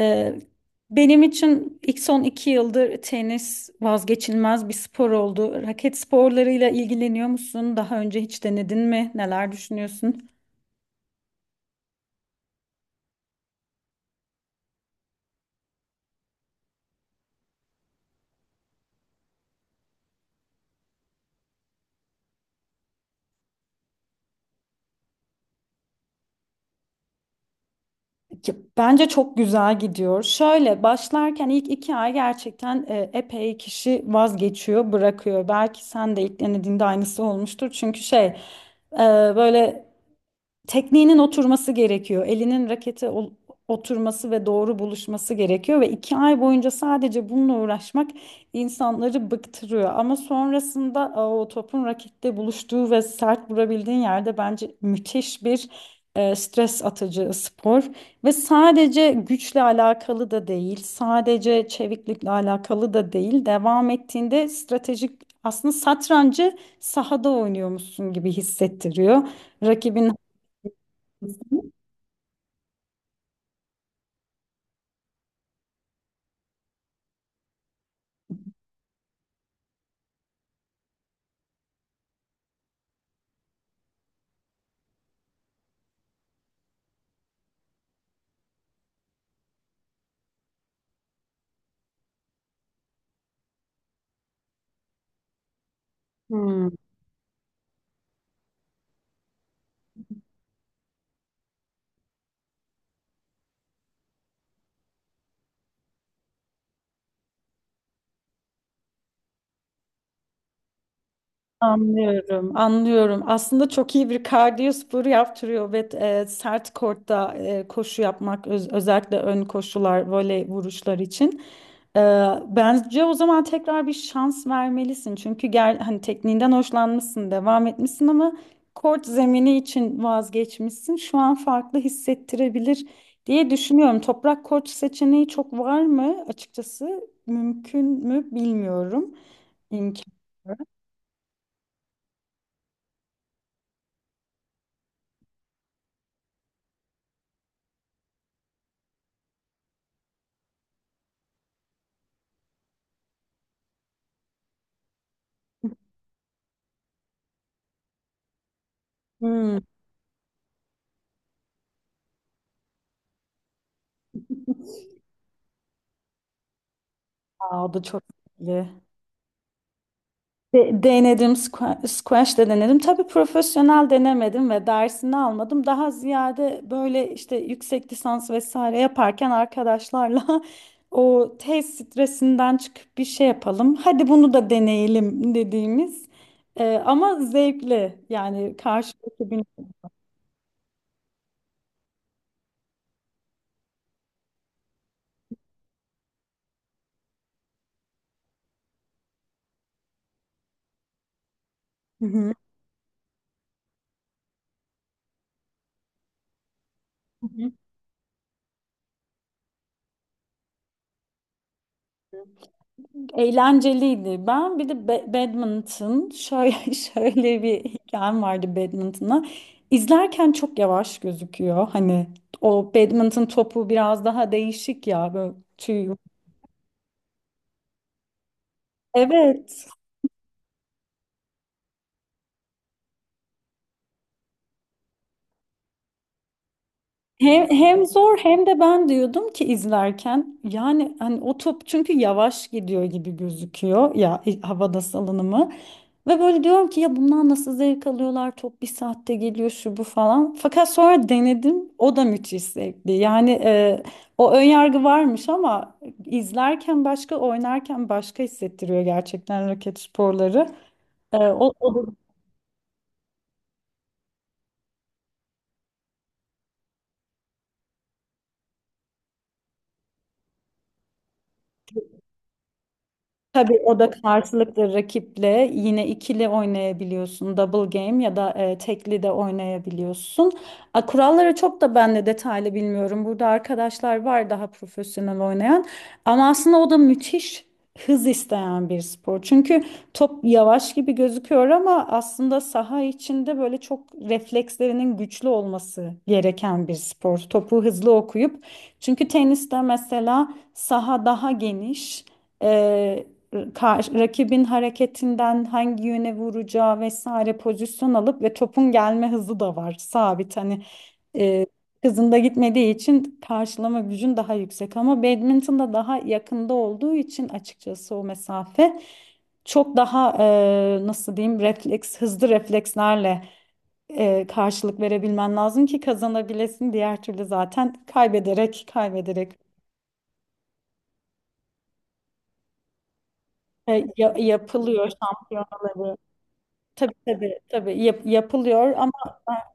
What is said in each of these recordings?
Ee, benim için son iki yıldır tenis vazgeçilmez bir spor oldu. Raket sporlarıyla ilgileniyor musun? Daha önce hiç denedin mi? Neler düşünüyorsun? Ya, bence çok güzel gidiyor. Şöyle başlarken ilk iki ay gerçekten epey kişi vazgeçiyor, bırakıyor. Belki sen de ilk denediğinde aynısı olmuştur. Çünkü şey, e, böyle tekniğinin oturması gerekiyor. Elinin rakete oturması ve doğru buluşması gerekiyor ve iki ay boyunca sadece bununla uğraşmak insanları bıktırıyor. Ama sonrasında aa, o topun rakette buluştuğu ve sert vurabildiğin yerde bence müthiş bir stres atıcı spor ve sadece güçle alakalı da değil, sadece çeviklikle alakalı da değil. Devam ettiğinde stratejik, aslında satrancı sahada oynuyormuşsun gibi hissettiriyor. Rakibin. Hmm. Anlıyorum, anlıyorum. Aslında çok iyi bir kardiyo sporu yaptırıyor ve sert kortta koşu yapmak özellikle ön koşular, voley vuruşlar için. E, Bence o zaman tekrar bir şans vermelisin. Çünkü gel, hani tekniğinden hoşlanmışsın, devam etmişsin ama kort zemini için vazgeçmişsin. Şu an farklı hissettirebilir diye düşünüyorum. Toprak kort seçeneği çok var mı? Açıkçası mümkün mü bilmiyorum. İmkan. Hmm. Aa, o da çok iyi. Denedim, squash de denedim. Tabii profesyonel denemedim ve dersini almadım. Daha ziyade böyle işte yüksek lisans vesaire yaparken arkadaşlarla o tez stresinden çıkıp bir şey yapalım. Hadi bunu da deneyelim dediğimiz, ama zevkli yani karşılıklı bir... Hı hı. Eğlenceliydi. Ben bir de badminton şöyle şöyle bir hikayem vardı badminton'a. İzlerken çok yavaş gözüküyor. Hani o badminton topu biraz daha değişik ya, böyle tüy. Evet. Hem, hem zor hem de ben diyordum ki izlerken, yani hani o top çünkü yavaş gidiyor gibi gözüküyor ya, havada salınımı ve böyle diyorum ki ya bundan nasıl zevk alıyorlar, top bir saatte geliyor şu bu falan, fakat sonra denedim o da müthiş zevkli yani, o ön yargı varmış ama izlerken başka, oynarken başka hissettiriyor gerçekten raket sporları. E, o. Tabii o da karşılıklı rakiple, yine ikili oynayabiliyorsun. Double game ya da tekli de oynayabiliyorsun. A, kuralları çok da ben de detaylı bilmiyorum. Burada arkadaşlar var daha profesyonel oynayan. Ama aslında o da müthiş hız isteyen bir spor. Çünkü top yavaş gibi gözüküyor ama aslında saha içinde böyle çok reflekslerinin güçlü olması gereken bir spor. Topu hızlı okuyup. Çünkü teniste mesela saha daha geniş. e, Rakibin hareketinden hangi yöne vuracağı vesaire pozisyon alıp ve topun gelme hızı da var sabit, hani e, hızında gitmediği için karşılama gücün daha yüksek ama badminton'da daha yakında olduğu için açıkçası o mesafe çok daha nasıl diyeyim, refleks hızlı reflekslerle karşılık verebilmen lazım ki kazanabilesin, diğer türlü zaten kaybederek kaybederek. Yapılıyor şampiyonaları. Tabii tabii tabii yapılıyor ama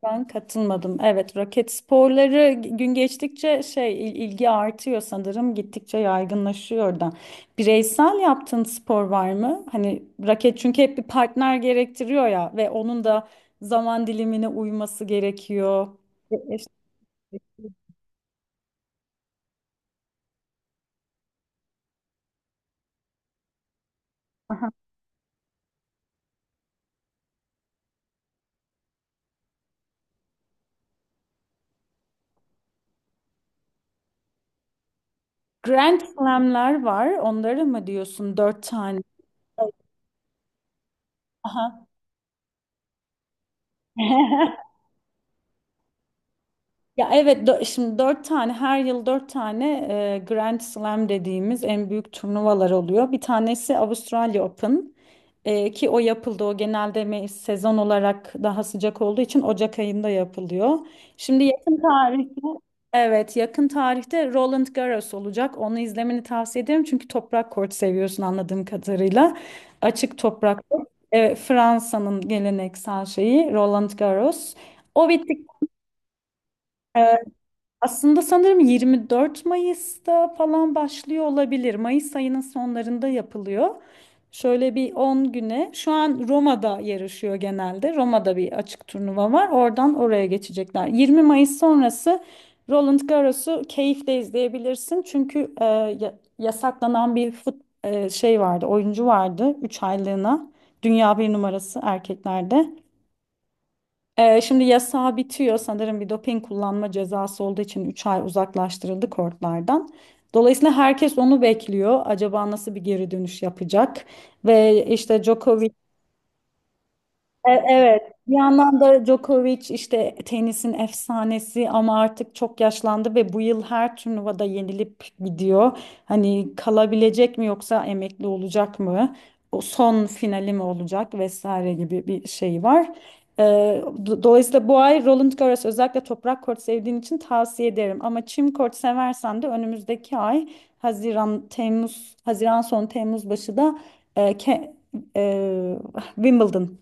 ben katılmadım. Evet, raket sporları gün geçtikçe şey, ilgi artıyor sanırım, gittikçe yaygınlaşıyor da. Bireysel yaptığın spor var mı? Hani raket çünkü hep bir partner gerektiriyor ya, ve onun da zaman dilimine uyması gerekiyor. Eşlik. Aha. Grand Slam'ler var, onları mı diyorsun, dört tane? Aha. Ya evet, şimdi dört tane, her yıl dört tane Grand Slam dediğimiz en büyük turnuvalar oluyor. Bir tanesi Avustralya Open, ki o yapıldı. O genelde sezon olarak daha sıcak olduğu için Ocak ayında yapılıyor. Şimdi yakın tarihte, evet yakın tarihte Roland Garros olacak. Onu izlemeni tavsiye ederim çünkü toprak kort seviyorsun anladığım kadarıyla. Açık toprak kort. E, Fransa'nın geleneksel şeyi Roland Garros. O bittik. e, Aslında sanırım 24 Mayıs'ta falan başlıyor olabilir. Mayıs ayının sonlarında yapılıyor. Şöyle bir 10 güne. Şu an Roma'da yarışıyor genelde. Roma'da bir açık turnuva var. Oradan oraya geçecekler. 20 Mayıs sonrası Roland Garros'u keyifle izleyebilirsin. Çünkü yasaklanan bir fut, şey vardı, oyuncu vardı 3 aylığına. Dünya bir numarası erkeklerde. Şimdi yasağı bitiyor sanırım, bir doping kullanma cezası olduğu için 3 ay uzaklaştırıldı kortlardan. Dolayısıyla herkes onu bekliyor. Acaba nasıl bir geri dönüş yapacak? Ve işte Djokovic. Evet. Bir yandan da Djokovic işte tenisin efsanesi ama artık çok yaşlandı ve bu yıl her turnuvada yenilip gidiyor. Hani kalabilecek mi yoksa emekli olacak mı? O son finali mi olacak vesaire gibi bir şey var. Dolayısıyla bu ay Roland Garros özellikle toprak kort sevdiğin için tavsiye ederim. Ama çim kort seversen de önümüzdeki ay Haziran, Temmuz, Haziran sonu Temmuz başı da e, Ke- e, Wimbledon.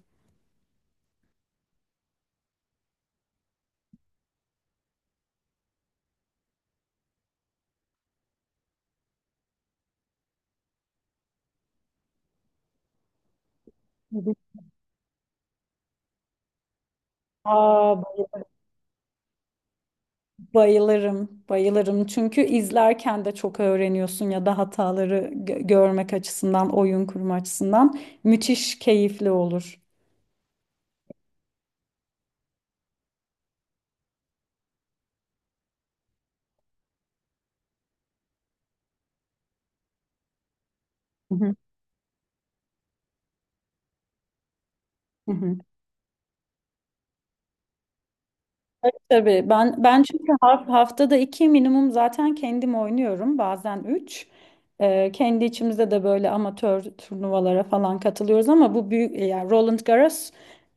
Aa, bay- Bayılırım, bayılırım. Çünkü izlerken de çok öğreniyorsun, ya da hataları görmek açısından, oyun kurma açısından müthiş keyifli olur. Hı hı. Hı hı. Tabii ben çünkü haftada iki minimum zaten kendim oynuyorum, bazen üç. Kendi içimizde de böyle amatör turnuvalara falan katılıyoruz ama bu büyük, yani Roland Garros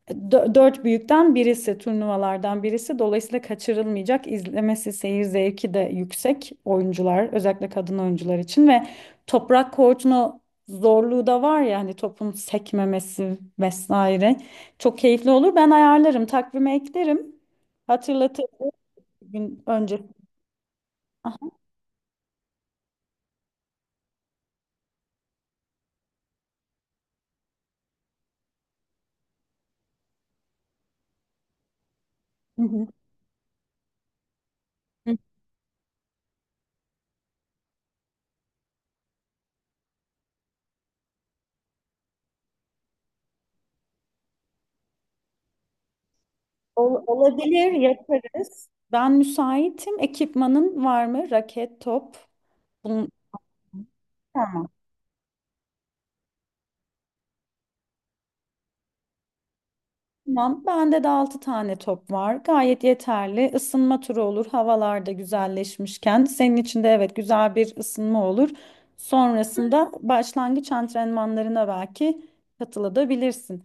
dört büyükten birisi, turnuvalardan birisi, dolayısıyla kaçırılmayacak, izlemesi seyir zevki de yüksek, oyuncular özellikle kadın oyuncular için ve toprak kortunu zorluğu da var ya, hani topun sekmemesi vesaire. Çok keyifli olur, ben ayarlarım, takvime eklerim. Hatırlatırız bir gün önce. Aha. Hı hı. Hı. Olur, yaparız. Ben müsaitim. Ekipmanın var mı? Raket, top. Bunun... Tamam. Tamam. Bende de 6 tane top var. Gayet yeterli. Isınma turu olur. Havalar da güzelleşmişken. Senin için de evet güzel bir ısınma olur. Sonrasında başlangıç antrenmanlarına belki katılabilirsin.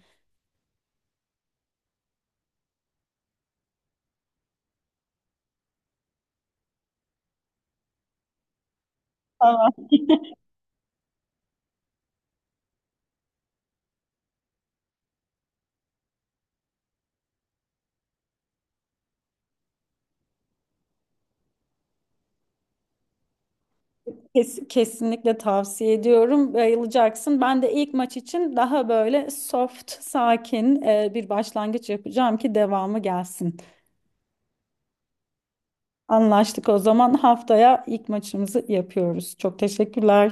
Kesinlikle tavsiye ediyorum. Bayılacaksın. Ben de ilk maç için daha böyle soft, sakin, bir başlangıç yapacağım ki devamı gelsin. Anlaştık o zaman, haftaya ilk maçımızı yapıyoruz. Çok teşekkürler.